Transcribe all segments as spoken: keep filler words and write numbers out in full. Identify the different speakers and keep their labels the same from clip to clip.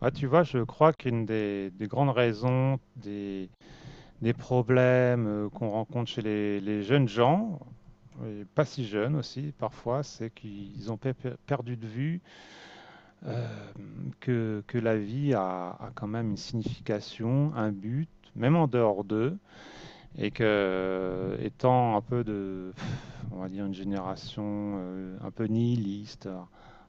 Speaker 1: Ah, tu vois, je crois qu'une des, des grandes raisons des, des problèmes euh, qu'on rencontre chez les, les jeunes gens, et pas si jeunes aussi parfois, c'est qu'ils ont pe- pe- perdu de vue euh, que, que la vie a, a quand même une signification, un but, même en dehors d'eux, et que euh, étant un peu de, on va dire, une génération euh, un peu nihiliste,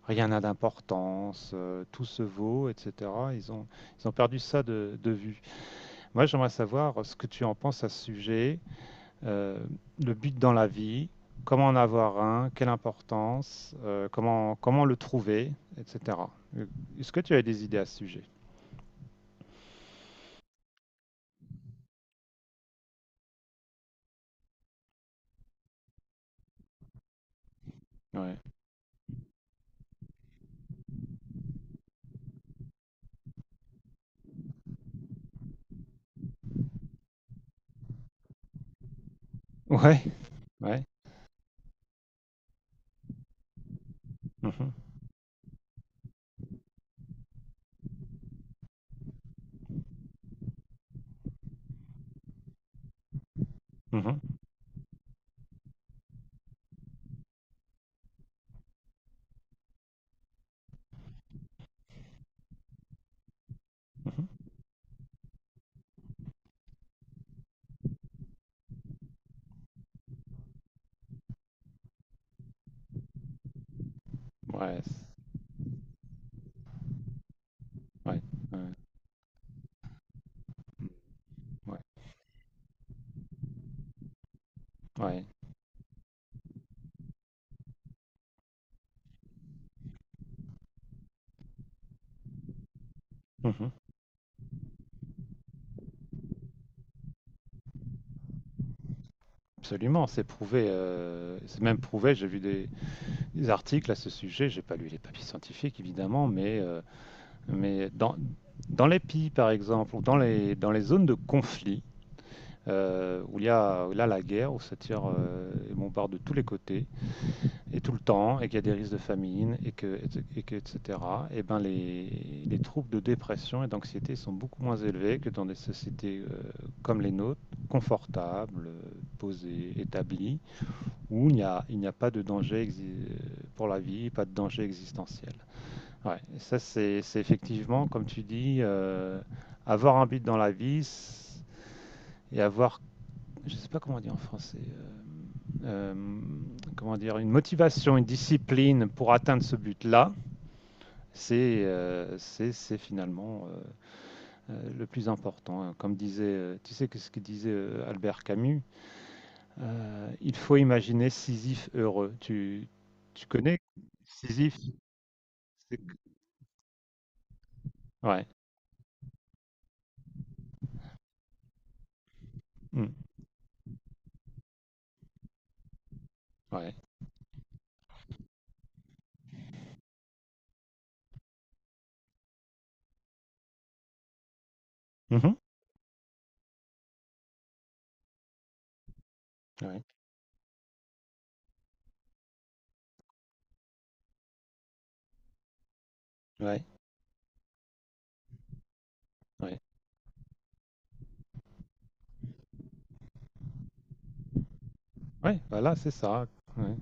Speaker 1: rien n'a d'importance, euh, tout se vaut, et cetera, ils ont, ils ont perdu ça de, de vue. Moi, j'aimerais savoir ce que tu en penses à ce sujet, euh, le but dans la vie, comment en avoir un, quelle importance, euh, comment, comment le trouver, et cetera. Euh, Est-ce que tu as des idées à ce sujet? Ouais, ouais, ouais. mhm, mhm, mhm. Ouais, c- ouais, ouais, ouais, ouais, mhm. Absolument, c'est prouvé. Euh, c'est même prouvé. J'ai vu des, des articles à ce sujet. J'ai pas lu les papiers scientifiques, évidemment, mais Mais dans, dans les pays, par exemple, ou dans les, dans les zones de conflit, euh, où il y a où là, la guerre, où ça tire euh, et bombarde de tous les côtés, et tout le temps, et qu'il y a des risques de famine, et que, et que et cetera, et ben les, les troubles de dépression et d'anxiété sont beaucoup moins élevés que dans des sociétés euh, comme les nôtres, confortables, posées, établies, où il n'y a, il n'y a pas de danger exi- pour la vie, pas de danger existentiel. Ouais, ça c'est c'est effectivement, comme tu dis, euh, avoir un but dans la vie c- et avoir, je sais pas comment dire en français, euh, euh, comment dire, une motivation, une discipline pour atteindre ce but-là, c'est euh, c'est c'est finalement euh, euh, le plus important. Comme disait, euh, tu sais que ce que disait euh, Albert Camus, euh, il faut imaginer Sisyphe heureux. Tu tu connais Sisyphe? c'est- Ouais. Mm. Ouais. Mhm. Ouais. Ouais. Ouais. Ouais, voilà, c'est ça. Ouais.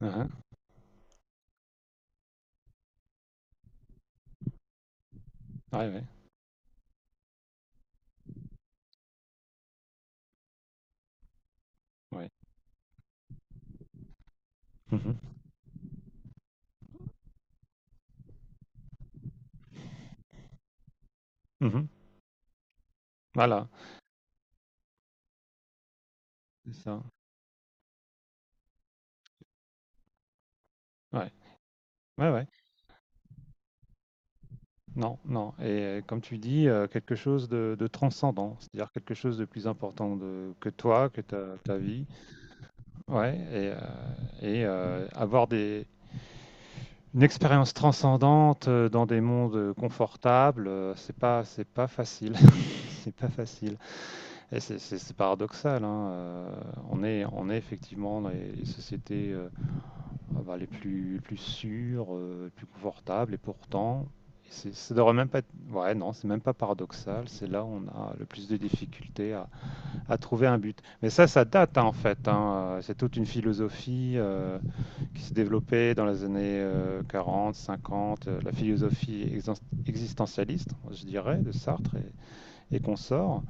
Speaker 1: Uh-huh. Ouais, ouais, ouais. Mhm. Mhm. Voilà, c'est ça. Ouais, ouais, ouais. Non, non. Et euh, comme tu dis, euh, quelque chose de, de transcendant, c'est-à-dire quelque chose de plus important de- que toi, que ta, ta vie. Ouais, et, euh, et euh, avoir des, une expérience transcendante euh, dans des mondes confortables, euh, c'est pas, c'est pas facile. C'est pas facile. Et c'est c'est- c'est paradoxal, hein, euh, on est, on est effectivement dans les, les sociétés. euh, Ah bah, les plus, les plus sûrs, euh, les plus confortables, et pourtant, c'est- ça devrait même pas être... Ouais, non, c'est même pas paradoxal, c'est là où on a le plus de difficultés à, à trouver un but. Mais ça, ça date hein, en fait, hein, euh, c'est toute une philosophie euh, qui s'est développée dans les années euh, quarante, cinquante, euh, la philosophie exen- existentialiste, je dirais, de Sartre et, et consorts,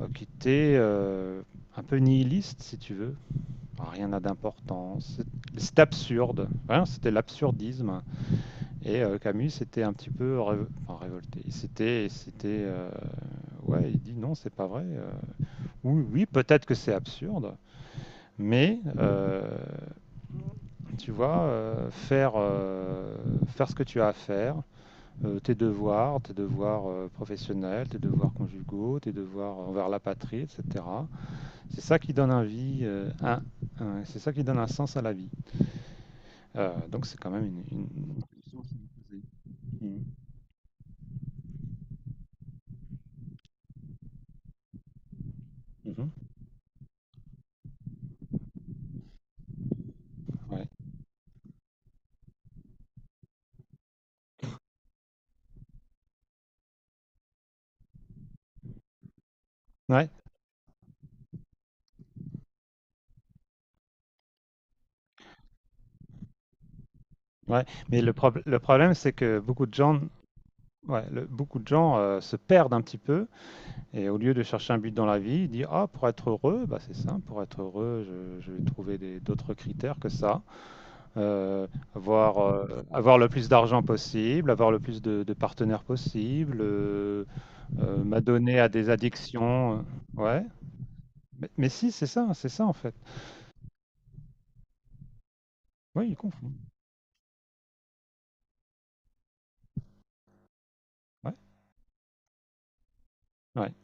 Speaker 1: euh, qui était euh, un peu nihiliste, si tu veux, enfin, rien n'a d'importance. C'est absurde. Vraiment, c'était l'absurdisme. Et euh, Camus était un petit peu rév- enfin, révolté. C'était, s'était, c'était, euh... Ouais, il dit non, c'est pas vrai. euh. Oui, oui, peut-être que c'est absurde, mais euh, tu vois, euh, faire, euh, faire ce que tu as à faire, euh, tes devoirs, tes devoirs euh, professionnels, tes devoirs conjugaux, tes devoirs envers la patrie, et cetera. C'est ça qui donne un vie, euh, un- un- c'est ça qui donne un sens à la vie. Heu, donc c'est quand même une une mmh. Mmh. Ouais. Ouais, ouais, mais le prob le problème, c'est que beaucoup de gens ouais, le beaucoup de gens, heu, se perdent un petit peu et au lieu de chercher un but dans la vie, ils disent: «Ah, pour être heureux, bah, c'est simple, pour être heureux, je je vais trouver des d'autres critères que ça, heu, avoir, heu, avoir le plus d'argent possible, avoir le plus de de partenaires possible, heu heu, m'adonner à des addictions», heu, ouais, mais mais si, c'est ça, c'est ça, en fait. Oui, ils confondent, ouais, ouais.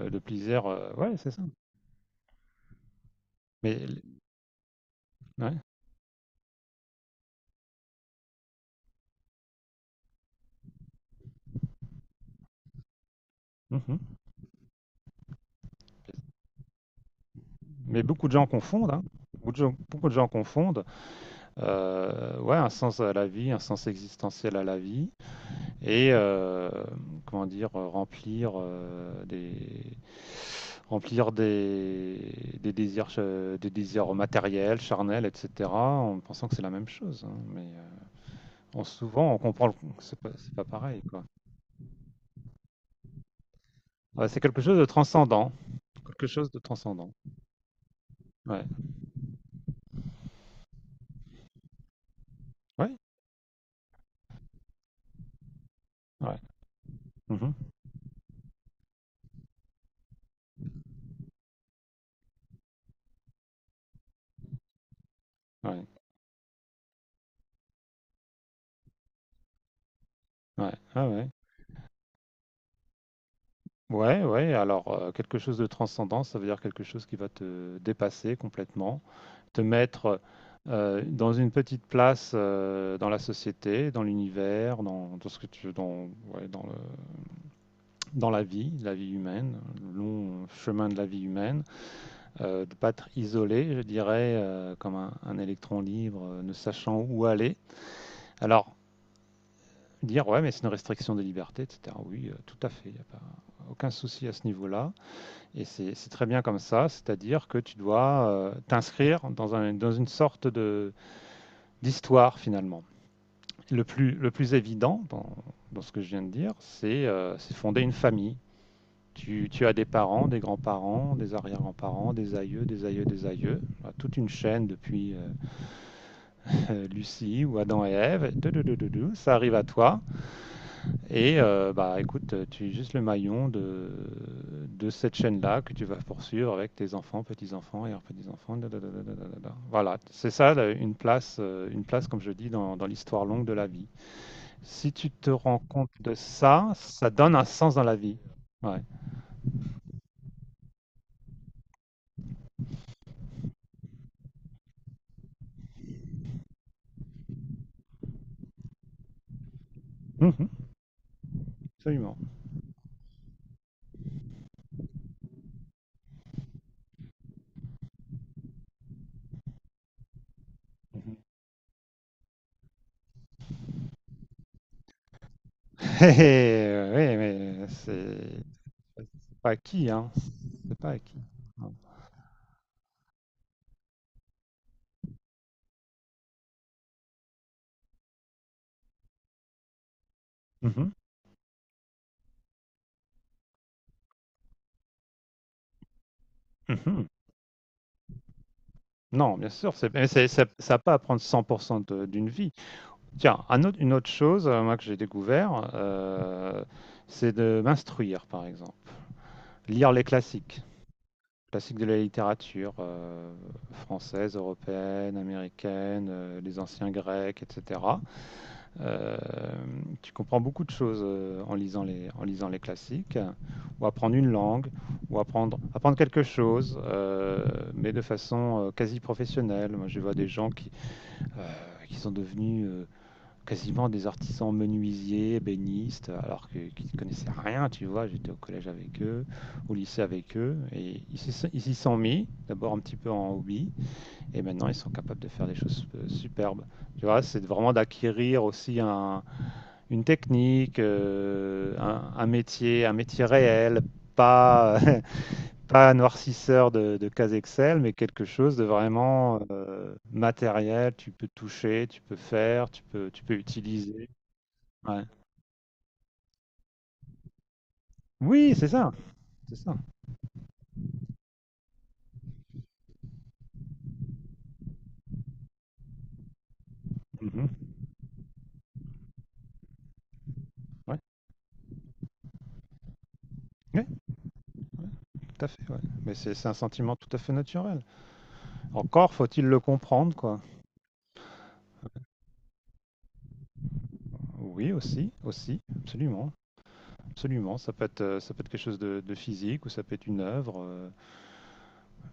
Speaker 1: Euh, le plaisir, euh, ouais, c'est ça. Mais, l- ouais. Mhm. Mais beaucoup de gens confondent, hein. Beaucoup de gens, beaucoup de gens confondent, euh, ouais, un sens à la vie, un sens existentiel à la vie, et euh, comment dire, euh, remplir euh, des, remplir des, des désirs, euh, des désirs matériels, charnels, et cetera, en pensant que c'est la même chose. Hein. Mais euh, on- souvent, on comprend le- que c'est pas, c'est pas pareil, quoi. Ouais, c'est quelque chose de transcendant, quelque chose de transcendant. Ouais, ouais, ouais. Mhm. Ouais, ouais, ah ouais. Ouais, ouais, alors euh, quelque chose de transcendant, ça veut dire quelque chose qui va te dépasser complètement, te mettre euh, dans une petite place euh, dans la société, dans l'univers, dans, dans ce que tu dans, ouais, dans, le, dans la vie, la vie humaine, le long chemin de la vie humaine, euh, de pas être isolé, je dirais, euh, comme un, un électron libre, euh, ne sachant où aller. Alors, dire, ouais, mais c'est une restriction des libertés, et cetera. Oui, euh, tout à fait, il n'y a pas aucun souci à ce niveau-là. Et c'est c'est très bien comme ça, c'est-à-dire que tu dois euh, t'inscrire dans, un- dans une sorte de d'histoire finalement. Le plus, le plus évident dans, dans ce que je viens de dire, c'est euh, c'est fonder une famille. Tu, tu as des parents, des grands-parents, des arrière-grands-parents, des aïeux, des aïeux, des aïeux. Voilà, toute une chaîne depuis euh, Lucie ou Adam et Ève. Et tout, tout, tout, tout, tout, ça arrive à toi. Et euh, bah écoute, tu es juste le maillon de, de cette chaîne-là que tu vas poursuivre avec tes enfants, petits-enfants et leurs petits-enfants. Da, da, da, da, da, da, da. Voilà, c'est ça là, une place, euh, une place comme je dis dans, dans l'histoire longue de la vie. Si tu te rends compte de ça, ça donne un sens dans la vie. Ouais. Mhm, absolument. Mhm. Eh, oui, mais c'est c'est pas acquis, hein. C'est pas acquis. Non, mhm, mhm. Non, bien sûr, c'est, mais c'est- ça n'a pas à prendre cent pour cent de- d'une vie. Tiens, un autre- une autre chose, euh, moi, que j'ai découvert, euh, c'est de m'instruire, par exemple. Lire les classiques, classiques de la littérature euh, française, européenne, américaine, euh, les anciens grecs, et cetera. Euh, Tu comprends beaucoup de choses euh, en lisant les, en lisant les classiques, ou apprendre une langue, ou apprendre, apprendre quelque chose, euh, mais de façon euh, quasi professionnelle. Moi, je vois des gens qui, euh, qui sont devenus euh, quasiment des artisans menuisiers, ébénistes, alors que- qu'ils ne connaissaient rien, tu vois. J'étais au collège avec eux, au lycée avec eux, et ils s'y ils s'y sont mis, d'abord un petit peu en hobby, et maintenant ils sont capables de faire des choses euh, superbes. Tu vois, c'est vraiment d'acquérir aussi un, une technique, euh, un, un métier, un métier réel, pas, pas un noircisseur de, de case Excel, mais quelque chose de vraiment euh, matériel. Tu peux toucher, tu peux faire, tu peux, tu peux utiliser. Ouais. Oui, c'est ça, c'est ça. Mhm. Ouais. Oui, ouais, tout à fait. Ouais. Mais c'est c'est un sentiment tout à fait naturel. Encore faut-il le comprendre, quoi. Oui, aussi, aussi, absolument, absolument. Ça peut être, euh, ça peut être quelque chose de, de physique ou ça peut être une œuvre, euh,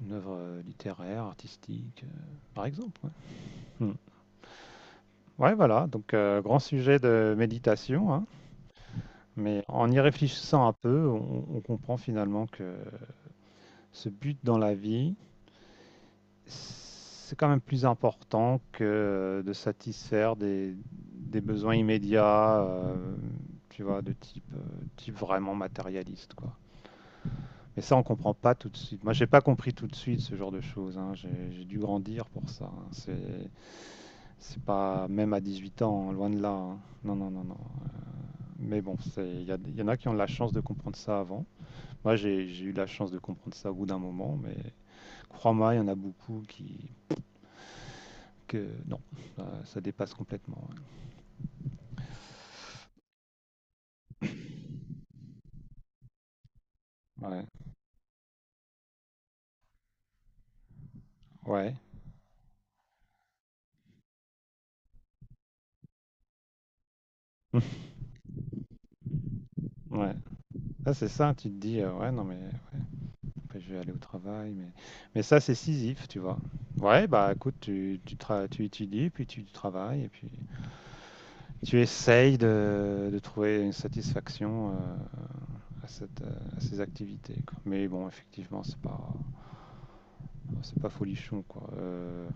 Speaker 1: une œuvre euh, littéraire, artistique, euh, par exemple. Ouais, hmm. Ouais, voilà. Donc euh, grand sujet de méditation, hein. Mais en y réfléchissant un peu, on, on comprend finalement que ce but dans la vie, c'est quand même plus important que de satisfaire des, des besoins immédiats, euh, tu vois, de type, euh, type vraiment matérialiste, quoi. Mais ça, on comprend pas tout de suite. Moi, j'ai pas compris tout de suite ce genre de choses. Hein. J'ai j'ai dû grandir pour ça. Hein. C'est, c'est pas même à dix-huit ans, hein, loin de là. Hein. Non, non, non, non. Euh, Mais bon, c'est, il y, a- il y en a qui ont la chance de comprendre ça avant. Moi, j'ai j'ai eu la chance de comprendre ça au bout d'un moment, mais crois-moi, il y en a beaucoup qui, que non, euh, ça dépasse complètement. Ouais, ouais, ouais. Ouais. Ça, c'est ça, tu te dis, euh, ouais, non, mais ouais, après, je vais aller au travail, mais, mais ça, c'est Sisyphe, tu vois. Ouais, bah écoute, tu, tu, tra- tu étudies, puis tu travailles, et puis tu essayes de, de trouver une satisfaction euh, à, cette, euh, à ces activités, quoi. Mais bon, effectivement, c'est pas, c'est pas folichon, quoi. Euh,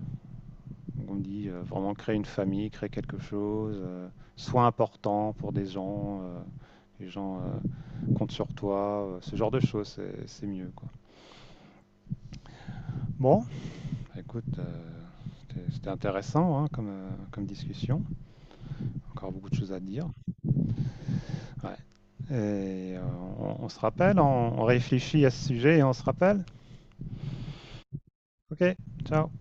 Speaker 1: Donc on dit euh, vraiment créer une famille, créer quelque chose, euh, sois important pour des gens, euh, les gens euh, comptent sur toi, euh, ce genre de choses, c'est c'est mieux, quoi. Bon, bah, écoute, euh, c'était c'était intéressant hein, comme, euh, comme discussion, encore beaucoup de choses à dire. Ouais. Et euh, on, on se rappelle, on, on réfléchit à ce sujet et on se rappelle. Ok, ciao.